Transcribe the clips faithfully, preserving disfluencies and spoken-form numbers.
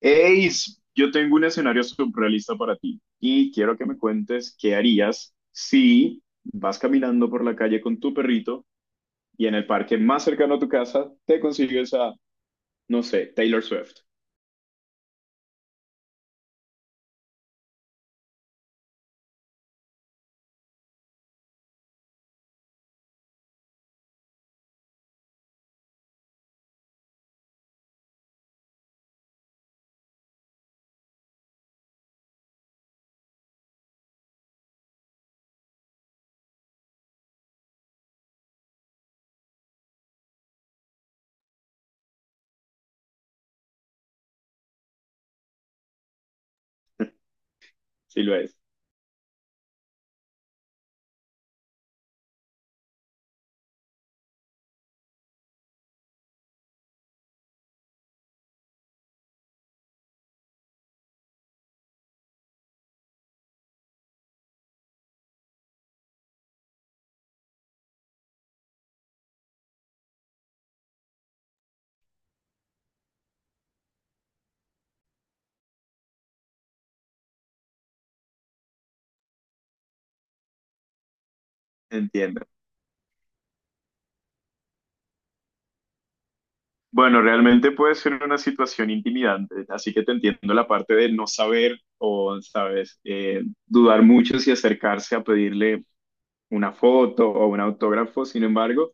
Eis, yo tengo un escenario surrealista para ti y quiero que me cuentes qué harías si vas caminando por la calle con tu perrito y en el parque más cercano a tu casa te consigues a, no sé, Taylor Swift. Si lo es, entiendo. Bueno, realmente puede ser una situación intimidante, así que te entiendo la parte de no saber o, sabes, Eh, dudar mucho si acercarse a pedirle una foto o un autógrafo. Sin embargo,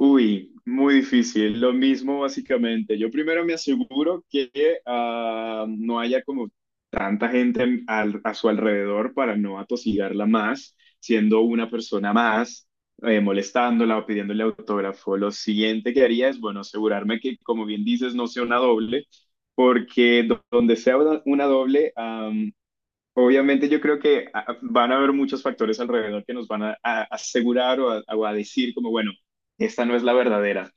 uy, muy difícil. Lo mismo básicamente. Yo primero me aseguro que ah, no haya como tanta gente en- al- a su alrededor para no atosigarla más, siendo una persona más, eh, molestándola o pidiéndole autógrafo. Lo siguiente que haría es, bueno, asegurarme que, como bien dices, no sea una doble, porque do- donde sea una una doble, obviamente yo creo que a- van a haber muchos factores alrededor que nos van a, a asegurar o a, o a decir como, bueno, esta no es la verdadera.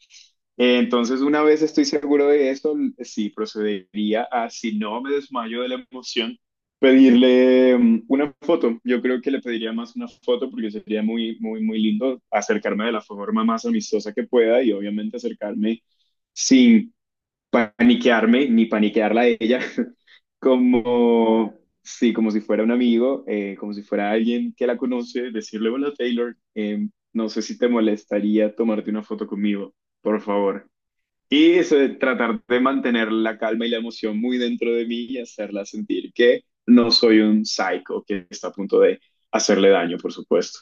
Eh, Entonces, una vez estoy seguro de eso, sí procedería a, si no me desmayo de la emoción, pedirle mm, una foto. Yo creo que le pediría más una foto porque sería muy, muy, muy lindo acercarme de la forma más amistosa que pueda y obviamente acercarme sin paniquearme ni paniquearla a ella, como, sí, como si fuera un amigo, eh, como si fuera alguien que la conoce, decirle, hola Taylor, eh, no sé si te molestaría tomarte una foto conmigo, por favor. Y eso de tratar de mantener la calma y la emoción muy dentro de mí y hacerla sentir que no soy un psycho que está a punto de hacerle daño, por supuesto.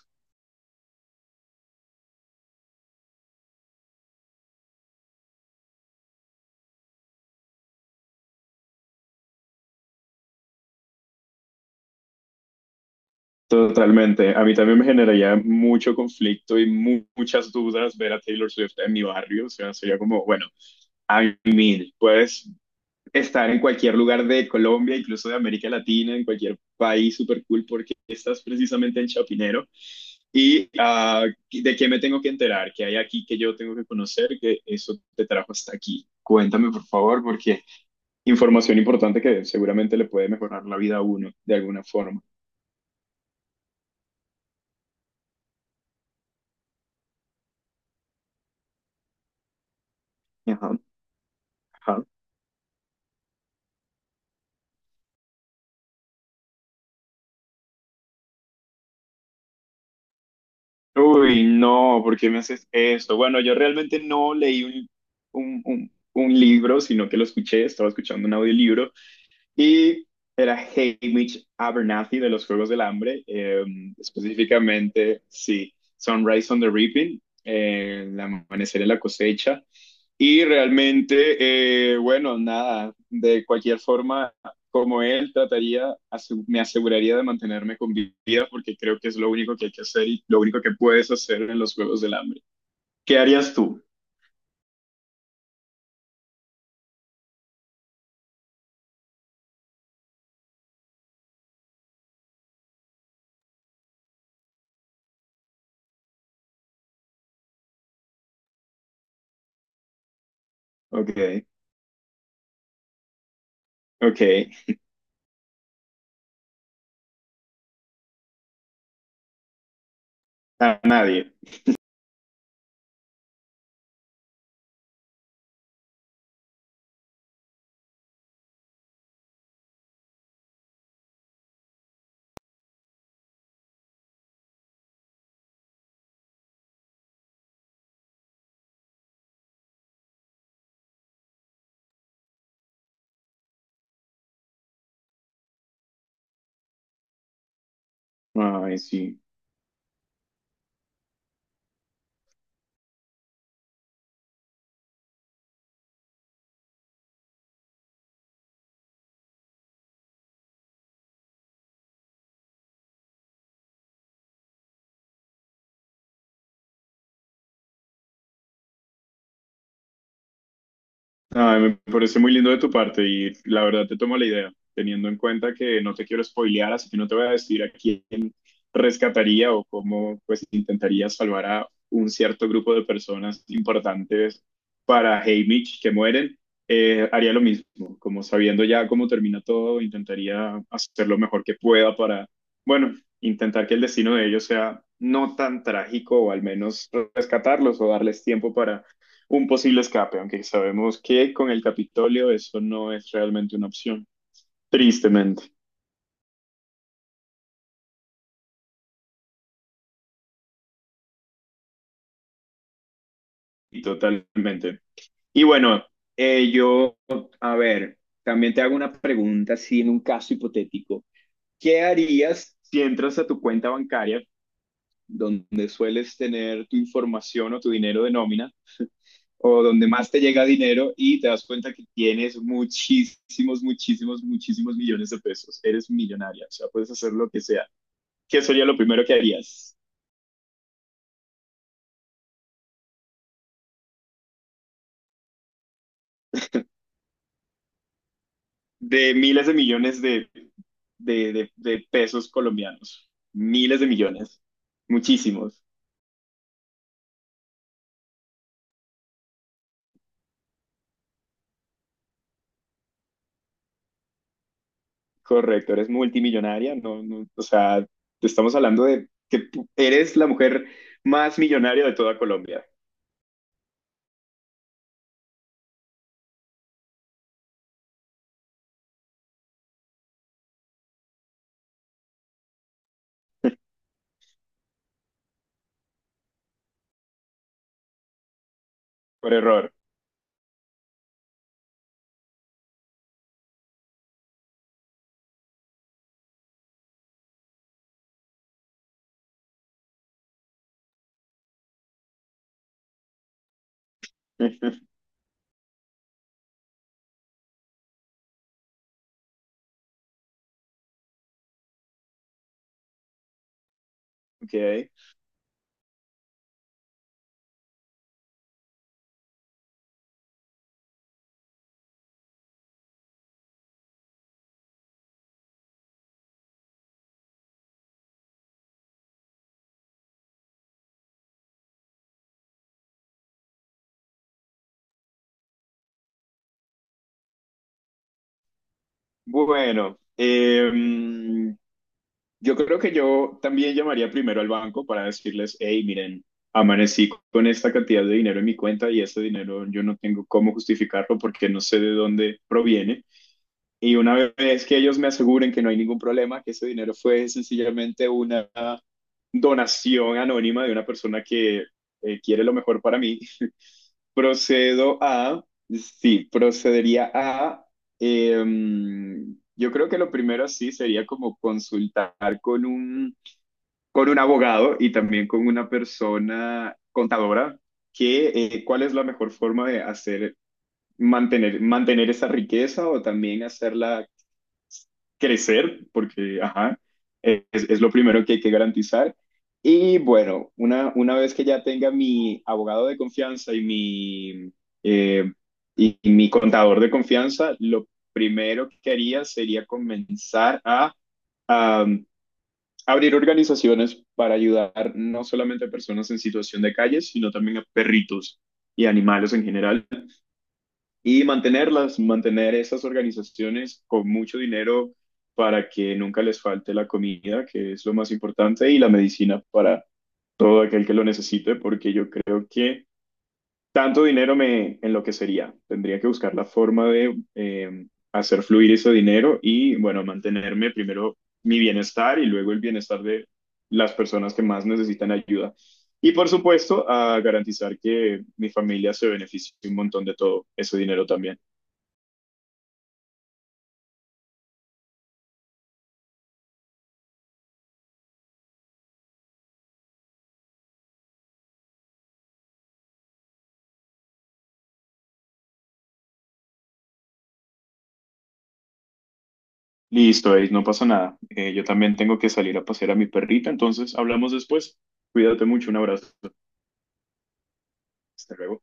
Totalmente. A mí también me generaría mucho conflicto y mu- muchas dudas ver a Taylor Swift en mi barrio. O sea, sería como, bueno, I mean, puedes estar en cualquier lugar de Colombia, incluso de América Latina, en cualquier país súper cool, porque estás precisamente en Chapinero. ¿Y ah, de qué me tengo que enterar? ¿Qué hay aquí que yo tengo que conocer, que eso te trajo hasta aquí? Cuéntame, por favor, porque información importante que seguramente le puede mejorar la vida a uno de alguna forma. Ajá, ajá. Uy, no, ¿por qué me haces esto? Bueno, yo realmente no leí un, un, un- un libro, sino que lo escuché, estaba escuchando un audiolibro y era Hamish Abernathy de los Juegos del Hambre, eh, específicamente, sí, Sunrise on the Reaping, eh, el amanecer en la cosecha. Y realmente, eh, bueno, nada, de cualquier forma, como él, trataría, me aseguraría de mantenerme con vida porque creo que es lo único que hay que hacer y lo único que puedes hacer en los Juegos del Hambre. ¿Qué harías tú? Ok, ok, a nadie. Ay, sí. Ay, me parece muy lindo de tu parte y la verdad te tomo la idea, teniendo en cuenta que no te quiero spoilear, así que no te voy a decir a quién rescataría o cómo pues intentaría salvar a un cierto grupo de personas importantes para Haymitch que mueren. Eh, haría lo mismo, como sabiendo ya cómo termina todo, intentaría hacer lo mejor que pueda para, bueno, intentar que el destino de ellos sea no tan trágico o al menos rescatarlos o darles tiempo para un posible escape, aunque sabemos que con el Capitolio eso no es realmente una opción, tristemente y totalmente. Y bueno, Eh, yo, a ver, también te hago una pregunta, así en un caso hipotético. ¿Qué harías si entras a tu cuenta bancaria, donde sueles tener tu información o tu dinero de nómina, o donde más te llega dinero y te das cuenta que tienes muchísimos, muchísimos, muchísimos millones de pesos? Eres millonaria, o sea, puedes hacer lo que sea. ¿Qué sería lo primero que harías? De miles de millones de, de, de- de pesos colombianos. Miles de millones. Muchísimos. Correcto, eres multimillonaria. No, no, o sea, te estamos hablando de que tú eres la mujer más millonaria de toda Colombia, por error. Ok. Bueno, em, yo creo que yo también llamaría primero al banco para decirles, hey, miren, amanecí con esta cantidad de dinero en mi cuenta y ese dinero yo no tengo cómo justificarlo porque no sé de dónde proviene. Y una vez que ellos me aseguren que no hay ningún problema, que ese dinero fue sencillamente una donación anónima de una persona que eh, quiere lo mejor para mí, procedo a, sí, procedería a, em, yo creo que lo primero sí sería como consultar con un, con un abogado y también con una persona contadora que eh, cuál es la mejor forma de hacer, mantener, mantener esa riqueza o también hacerla crecer, porque ajá, es, es lo primero que hay que garantizar. Y bueno, una, una vez que ya tenga mi abogado de confianza y mi, eh, y, y mi contador de confianza, lo primero que haría sería comenzar a, a, um, abrir organizaciones para ayudar no solamente a personas en situación de calle, sino también a perritos y animales en general y mantenerlas, mantener esas organizaciones con mucho dinero para que nunca les falte la comida, que es lo más importante, y la medicina para todo aquel que lo necesite, porque yo creo que tanto dinero me enloquecería. Tendría que buscar la forma de eh, hacer fluir ese dinero y, bueno, mantenerme primero mi bienestar y luego el bienestar de las personas que más necesitan ayuda. Y por supuesto, a garantizar que mi familia se beneficie un montón de todo ese dinero también. Listo, Ace, no pasa nada. Eh, yo también tengo que salir a pasear a mi perrita, entonces hablamos después. Cuídate mucho, un abrazo. Hasta luego.